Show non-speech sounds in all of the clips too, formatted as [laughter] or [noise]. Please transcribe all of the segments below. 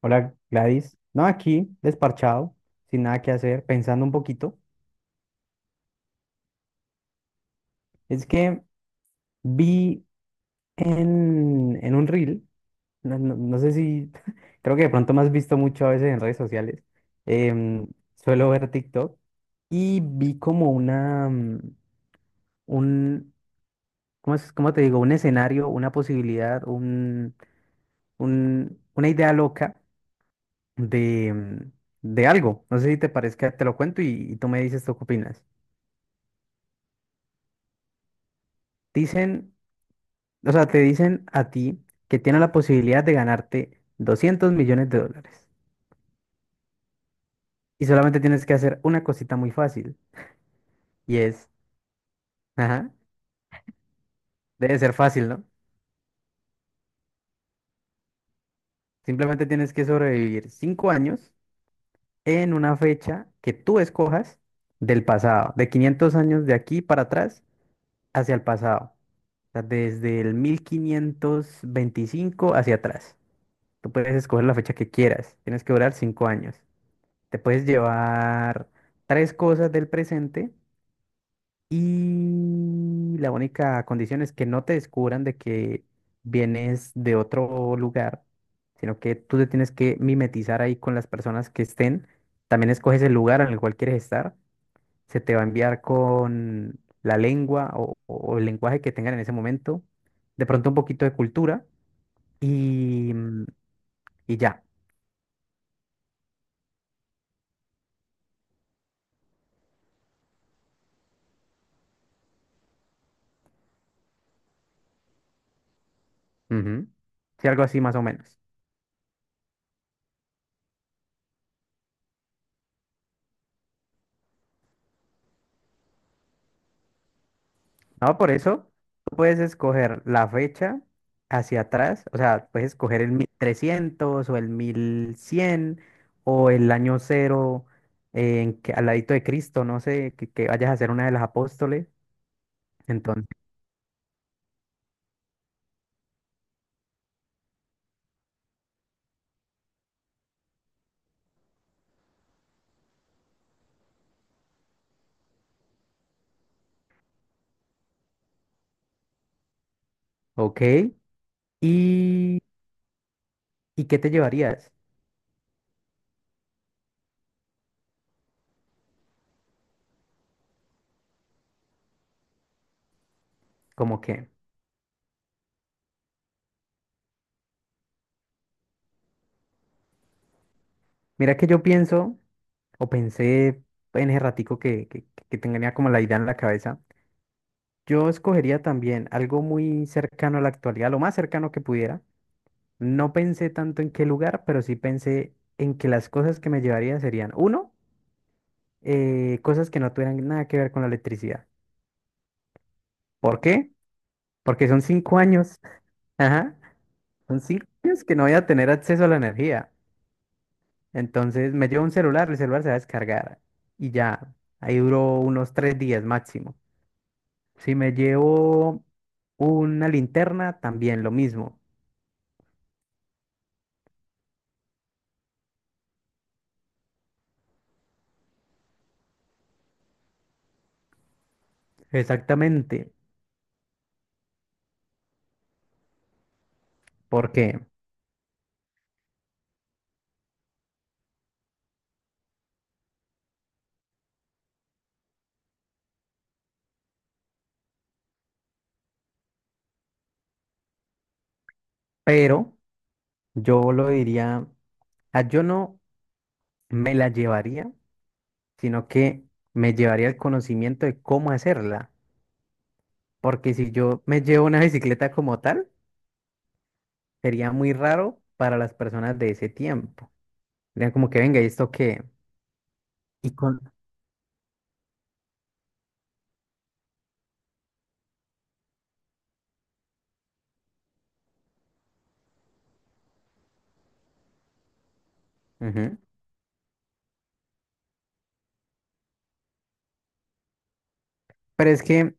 Hola Gladys. No, aquí desparchado, sin nada que hacer, pensando un poquito. Es que vi en un reel, no, no sé si, [laughs] creo que de pronto me has visto mucho a veces en redes sociales. em, Suelo ver TikTok y vi como un, ¿cómo te digo? Un escenario, una posibilidad, una idea loca de, mm, de algo. No sé si te parezca, te lo cuento y tú me dices tú qué opinas. Dicen O sea, te dicen a ti que tienes la posibilidad de ganarte $200 millones. Y solamente tienes que hacer una cosita muy fácil. Y es, ajá, debe ser fácil, ¿no? Simplemente tienes que sobrevivir 5 años en una fecha que tú escojas del pasado, de 500 años de aquí para atrás hacia el pasado. O sea, desde el 1525 hacia atrás. Tú puedes escoger la fecha que quieras. Tienes que durar 5 años. Te puedes llevar tres cosas del presente. Y la única condición es que no te descubran de que vienes de otro lugar, sino que tú te tienes que mimetizar ahí con las personas que estén. También escoges el lugar en el cual quieres estar. Se te va a enviar con la lengua o el lenguaje que tengan en ese momento. De pronto un poquito de cultura y, y ya. Ujú. Sí, algo así más o menos. No, por eso tú puedes escoger la fecha hacia atrás, o sea, puedes escoger el 1300 o el 1100 o el año 0, en que, al ladito de Cristo, no sé, que vayas a ser una de las apóstoles. Entonces, ok. ¿Y, y qué te llevarías? Como que, mira que yo pienso, o pensé en ese ratico que tenía como la idea en la cabeza, yo escogería también algo muy cercano a la actualidad, lo más cercano que pudiera. No pensé tanto en qué lugar, pero sí pensé en que las cosas que me llevaría serían, uno, cosas que no tuvieran nada que ver con la electricidad. ¿Por qué? Porque son 5 años. [laughs] Ajá. Son cinco años que no voy a tener acceso a la energía. Entonces me llevo un celular, el celular se va a descargar y ya. Ahí duró unos 3 días máximo. Si me llevo una linterna, también lo mismo. Exactamente. ¿Por qué? Pero yo lo diría, ah, yo no me la llevaría, sino que me llevaría el conocimiento de cómo hacerla. Porque si yo me llevo una [laughs] bicicleta como tal, sería muy raro para las personas de ese tiempo. Serían como que venga, ¿y esto qué? Y con... Ujú. Pero es que,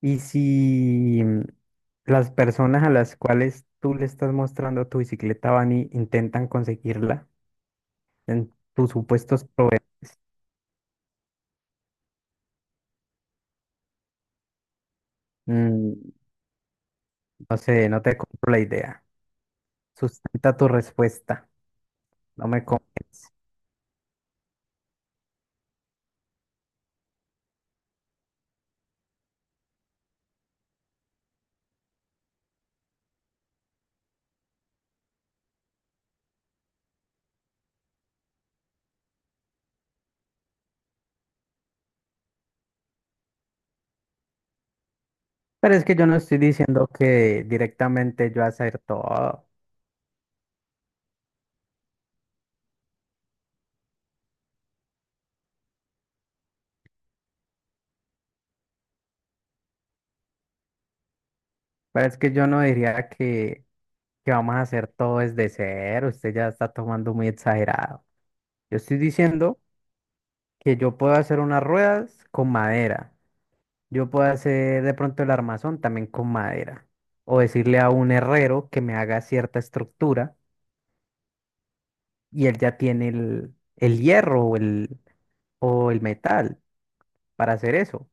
¿Y si las personas a las cuales tú le estás mostrando tu bicicleta van y intentan conseguirla en tus supuestos proveedores? Mm, no sé, no te compro la idea. Sustenta tu respuesta. No me convence. Pero es que yo no estoy diciendo que directamente yo hacer todo. Pero es que yo no diría que vamos a hacer todo desde cero. Usted ya está tomando muy exagerado. Yo estoy diciendo que yo puedo hacer unas ruedas con madera. Yo puedo hacer de pronto el armazón también con madera. O decirle a un herrero que me haga cierta estructura y él ya tiene el hierro o el metal para hacer eso.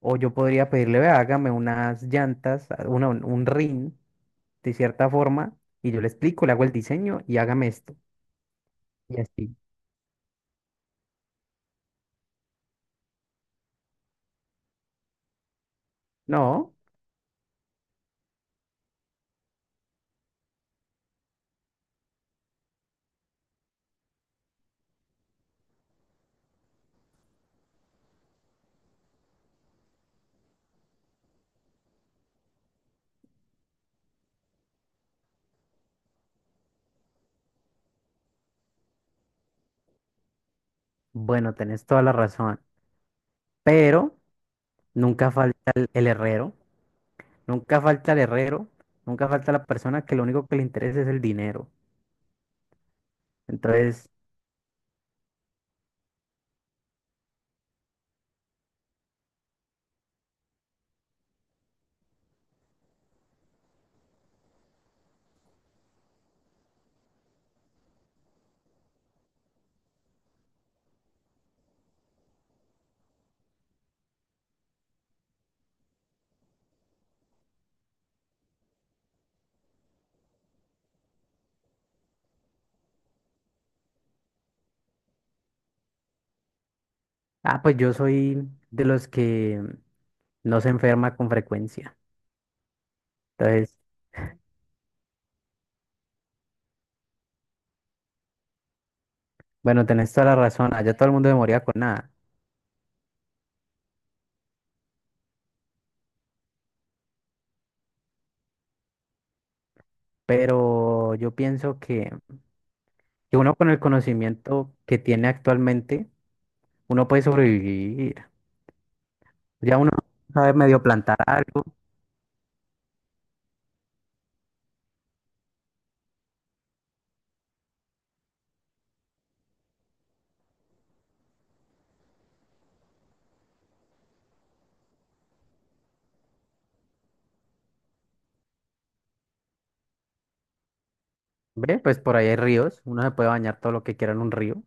O yo podría pedirle, vea, hágame unas llantas, a- una, un rin de cierta forma, y yo le explico, le hago el diseño y hágame esto. Y así. No, bueno, tenés toda la razón. Pero nunca falta el herrero, nunca falta el herrero, nunca falta la persona que lo único que le interesa es el dinero. Entonces, ah, pues yo soy de los que no se enferma con frecuencia. Entonces, bueno, tenés toda la razón. Allá todo el mundo se moría con nada. Pero yo pienso que uno con el conocimiento que tiene actualmente, uno puede sobrevivir. Ya uno sabe medio plantar algo, ¿ve? Pues por ahí hay ríos, uno se puede bañar todo lo que quiera en un río.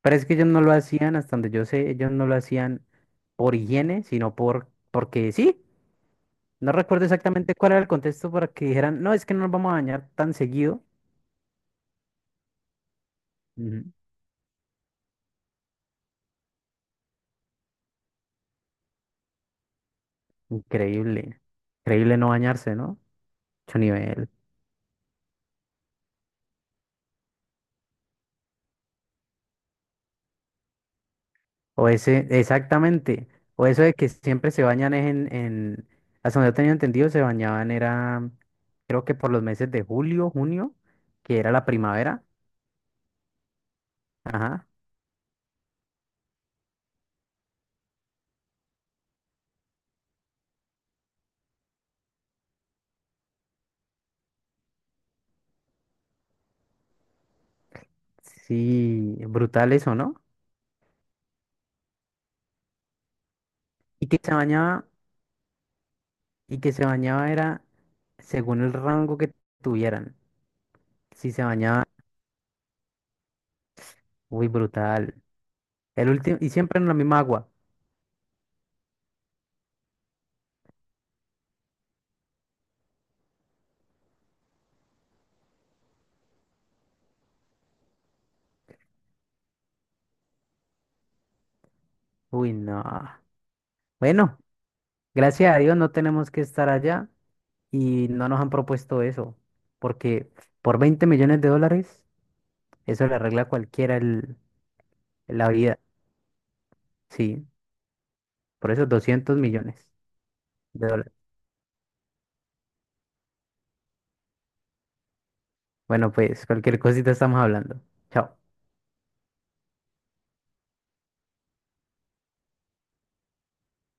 Pero es que ellos no lo hacían, hasta donde yo sé, ellos no lo hacían por higiene, sino porque sí. No recuerdo exactamente cuál era el contexto para que dijeran, no, es que no nos vamos a bañar tan seguido. Ujú. Increíble, increíble no bañarse, ¿no? Mucho nivel. O ese, exactamente. O eso de que siempre se bañan es hasta donde yo tenía entendido, se bañaban, era, creo que por los meses de julio, junio, que era la primavera. Ajá. Sí, brutal eso, ¿no? Y que se bañaba, y que se bañaba era según el rango que tuvieran. Si se bañaba, uy, brutal. El último, y siempre en la misma agua. Uy, no. Bueno, gracias a Dios no tenemos que estar allá. Y no nos han propuesto eso, porque por $20 millones, eso le arregla a cualquiera la vida, sí, por eso $200 millones. Bueno, pues cualquier cosita estamos hablando. Chao.